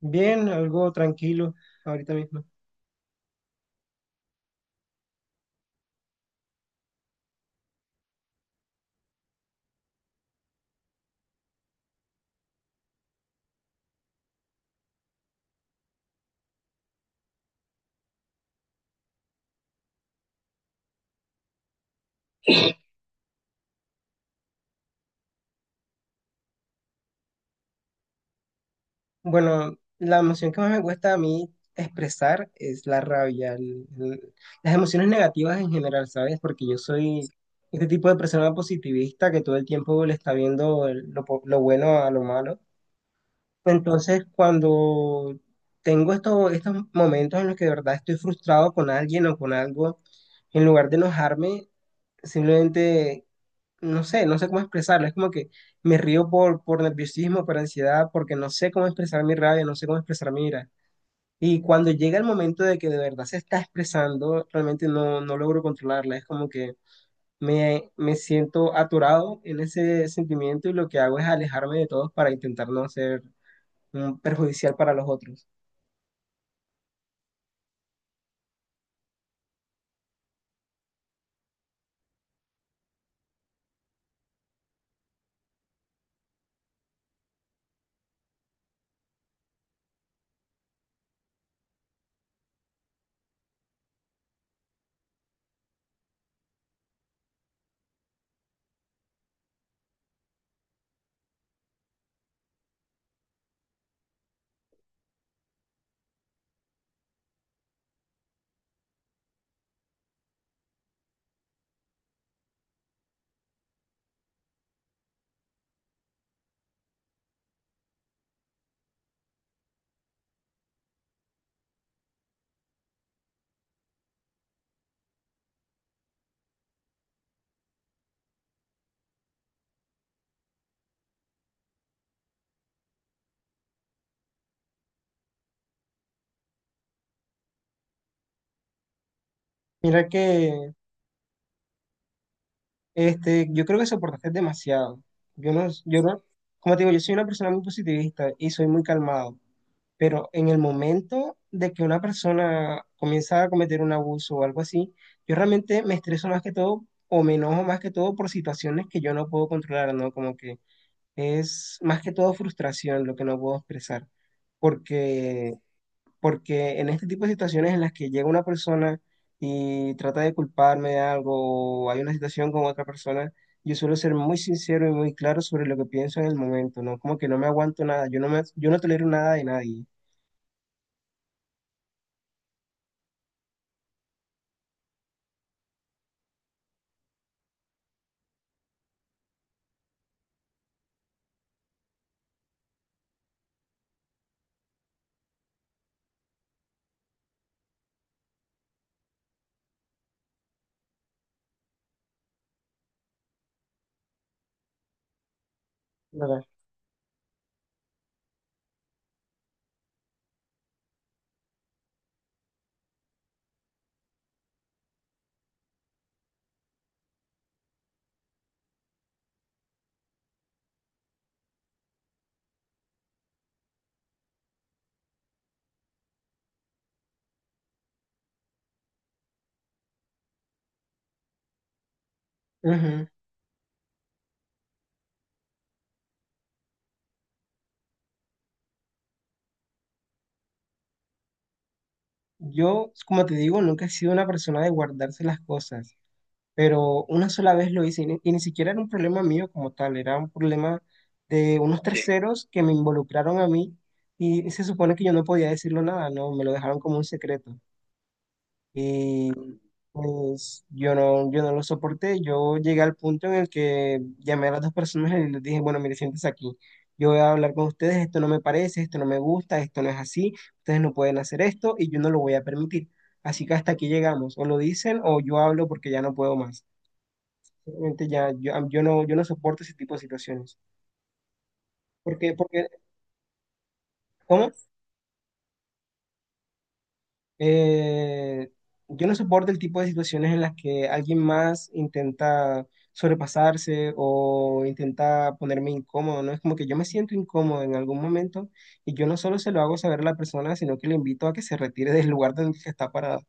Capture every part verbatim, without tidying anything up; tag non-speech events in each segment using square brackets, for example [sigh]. Bien, algo tranquilo ahorita mismo. Bueno, la emoción que más me cuesta a mí expresar es la rabia, el- el- las emociones negativas en general, ¿sabes? Porque yo soy este tipo de persona positivista que todo el tiempo le está viendo el- lo, po- lo bueno a lo malo. Entonces, cuando tengo estos estos momentos en los que de verdad estoy frustrado con alguien o con algo, en lugar de enojarme, simplemente no sé, no sé cómo expresarlo. Es como que me río por, por nerviosismo, por ansiedad, porque no sé cómo expresar mi rabia, no sé cómo expresar mi ira. Y cuando llega el momento de que de verdad se está expresando, realmente no, no logro controlarla. Es como que me, me siento atorado en ese sentimiento y lo que hago es alejarme de todos para intentar no ser mm, perjudicial para los otros. Mira que este, yo creo que soportaste demasiado. Yo no, yo no, como te digo, yo soy una persona muy positivista y soy muy calmado, pero en el momento de que una persona comienza a cometer un abuso o algo así, yo realmente me estreso más que todo o me enojo más que todo por situaciones que yo no puedo controlar, ¿no? Como que es más que todo frustración lo que no puedo expresar, porque porque en este tipo de situaciones en las que llega una persona y trata de culparme de algo, o hay una situación con otra persona, yo suelo ser muy sincero y muy claro sobre lo que pienso en el momento, ¿no? Como que no me aguanto nada, yo no me, yo no tolero nada de nadie, ¿verdad? Ujú. Yo, como te digo, nunca he sido una persona de guardarse las cosas. Pero una sola vez lo hice y ni, y ni siquiera era un problema mío como tal, era un problema de unos Sí. terceros que me involucraron a mí y se supone que yo no podía decirlo nada, no, me lo dejaron como un secreto. Y pues yo no, yo no lo soporté, yo llegué al punto en el que llamé a las dos personas y les dije, bueno, mire, siéntese aquí. Yo voy a hablar con ustedes, esto no me parece, esto no me gusta, esto no es así, ustedes no pueden hacer esto y yo no lo voy a permitir. Así que hasta aquí llegamos, o lo dicen o yo hablo porque ya no puedo más. Realmente ya, yo, a- yo no, yo no soporto ese tipo de situaciones. Porque, porque, ¿cómo? Eh, yo no soporto el tipo de situaciones en las que alguien más intenta sobrepasarse o intenta ponerme incómodo, ¿no? Es como que yo me siento incómodo en algún momento y yo no solo se lo hago saber a la persona, sino que le invito a que se retire del lugar donde se está parado.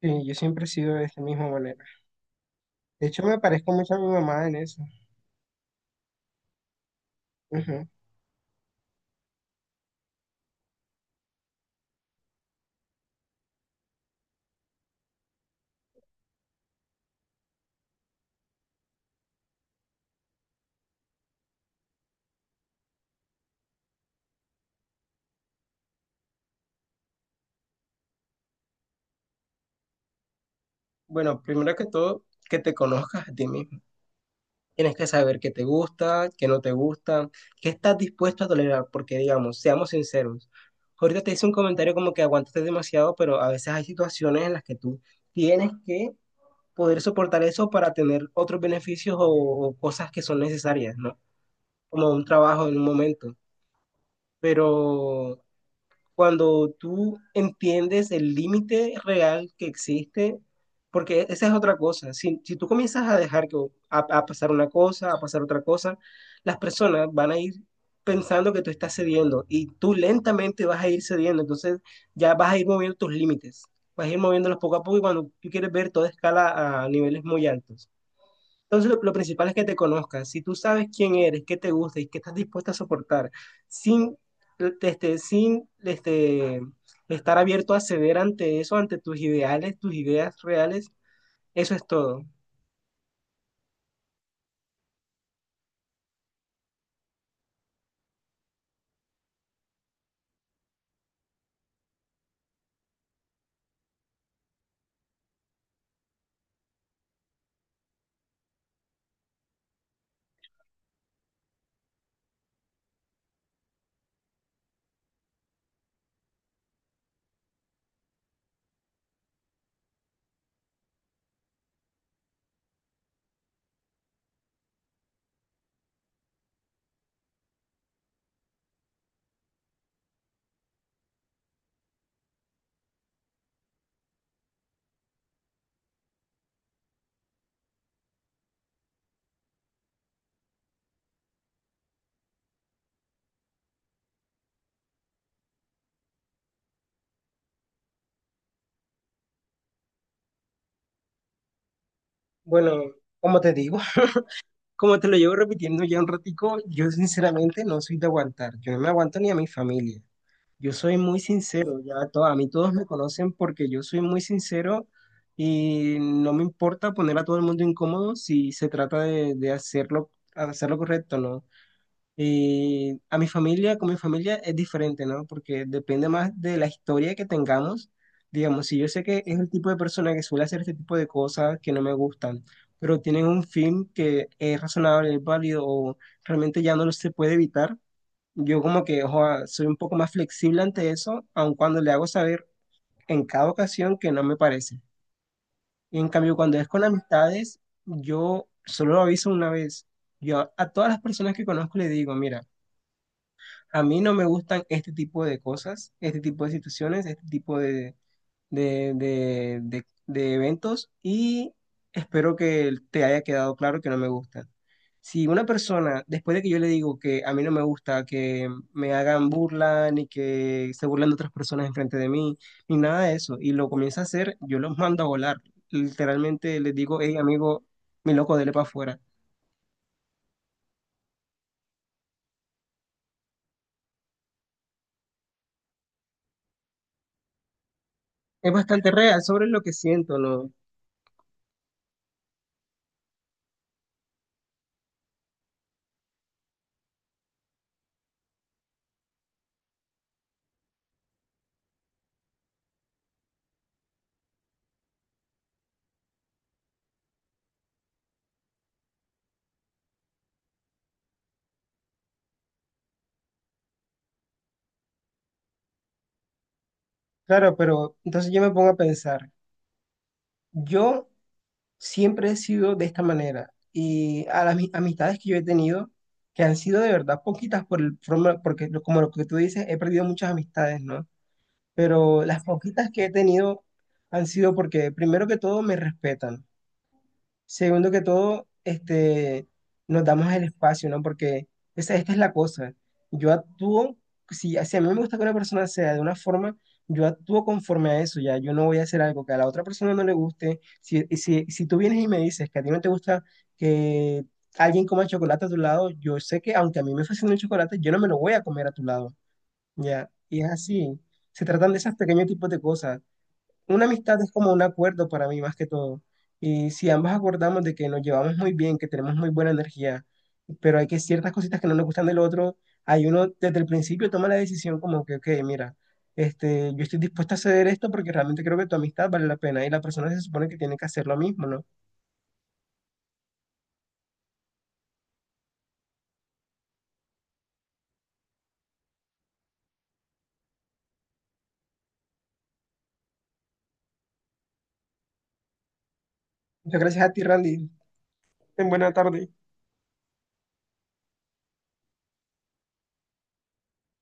Sí, yo siempre he sido de esta misma manera. De hecho, me parezco mucho a mi mamá en eso. Ujú. Bueno, primero que todo, que te conozcas a ti mismo. Tienes que saber qué te gusta, qué no te gusta, qué estás dispuesto a tolerar, porque digamos, seamos sinceros. Ahorita te hice un comentario como que aguantaste demasiado, pero a veces hay situaciones en las que tú tienes que poder soportar eso para tener otros beneficios o, o cosas que son necesarias, ¿no? Como un trabajo en un momento. Pero cuando tú entiendes el límite real que existe, porque esa es otra cosa. Si, si tú comienzas a dejar que a, a pasar una cosa, a pasar otra cosa, las personas van a ir pensando que tú estás cediendo y tú lentamente vas a ir cediendo. Entonces ya vas a ir moviendo tus límites, vas a ir moviéndolos poco a poco y cuando tú quieres ver toda escala a niveles muy altos. Entonces, lo, lo principal es que te conozcas. Si tú sabes quién eres, qué te gusta y qué estás dispuesta a soportar, sin, este, sin este, estar abierto a ceder ante eso, ante tus ideales, tus ideas reales, eso es todo. Bueno, como te digo, [laughs] como te lo llevo repitiendo ya un ratico, yo sinceramente no soy de aguantar. Yo no me aguanto ni a mi familia. Yo soy muy sincero, ya to- a mí todos me conocen porque yo soy muy sincero y no me importa poner a todo el mundo incómodo si se trata de, de hacerlo, hacerlo correcto, ¿no? Y a mi familia, con mi familia es diferente, ¿no? Porque depende más de la historia que tengamos. Digamos, si yo sé que es el tipo de persona que suele hacer este tipo de cosas que no me gustan, pero tienen un fin que es razonable, es válido o realmente ya no lo se puede evitar, yo como que ojo, soy un poco más flexible ante eso, aun cuando le hago saber en cada ocasión que no me parece. Y en cambio, cuando es con amistades, yo solo lo aviso una vez. Yo a, a todas las personas que conozco le digo, mira, a mí no me gustan este tipo de cosas, este tipo de situaciones, este tipo de, de, de, de- de eventos y espero que te haya quedado claro que no me gusta. Si una persona, después de que yo le digo que a mí no me gusta que me hagan burla, ni que se burlen de otras personas enfrente de mí, ni nada de eso, y lo comienza a hacer, yo los mando a volar. Literalmente les digo, hey amigo, mi loco, dele para afuera. Es bastante real sobre lo que siento, ¿no? Claro, pero entonces yo me pongo a pensar, yo siempre he sido de esta manera y a las mi- amistades que yo he tenido, que han sido de verdad poquitas por el, forma- porque lo- como lo que tú dices, he perdido muchas amistades, ¿no? Pero las poquitas que he tenido han sido porque primero que todo me respetan. Segundo que todo, este, nos damos el espacio, ¿no? Porque esa, esta es la cosa. Yo actúo, si, si a mí me gusta que una persona sea de una forma, yo actúo conforme a eso, ya. Yo no voy a hacer algo que a la otra persona no le guste. Si, si, si tú vienes y me dices que a ti no te gusta que alguien coma chocolate a tu lado, yo sé que aunque a mí me fascina el chocolate, yo no me lo voy a comer a tu lado, ya. Y es así. Se tratan de esos pequeños tipos de cosas. Una amistad es como un acuerdo para mí más que todo. Y si ambos acordamos de que nos llevamos muy bien, que tenemos muy buena energía, pero hay que ciertas cositas que no nos gustan del otro, hay uno desde el principio toma la decisión como que, ok, mira, este, yo estoy dispuesto a ceder esto porque realmente creo que tu amistad vale la pena y la persona se supone que tiene que hacer lo mismo, ¿no? Muchas gracias a ti, Randy. Ten buena tarde.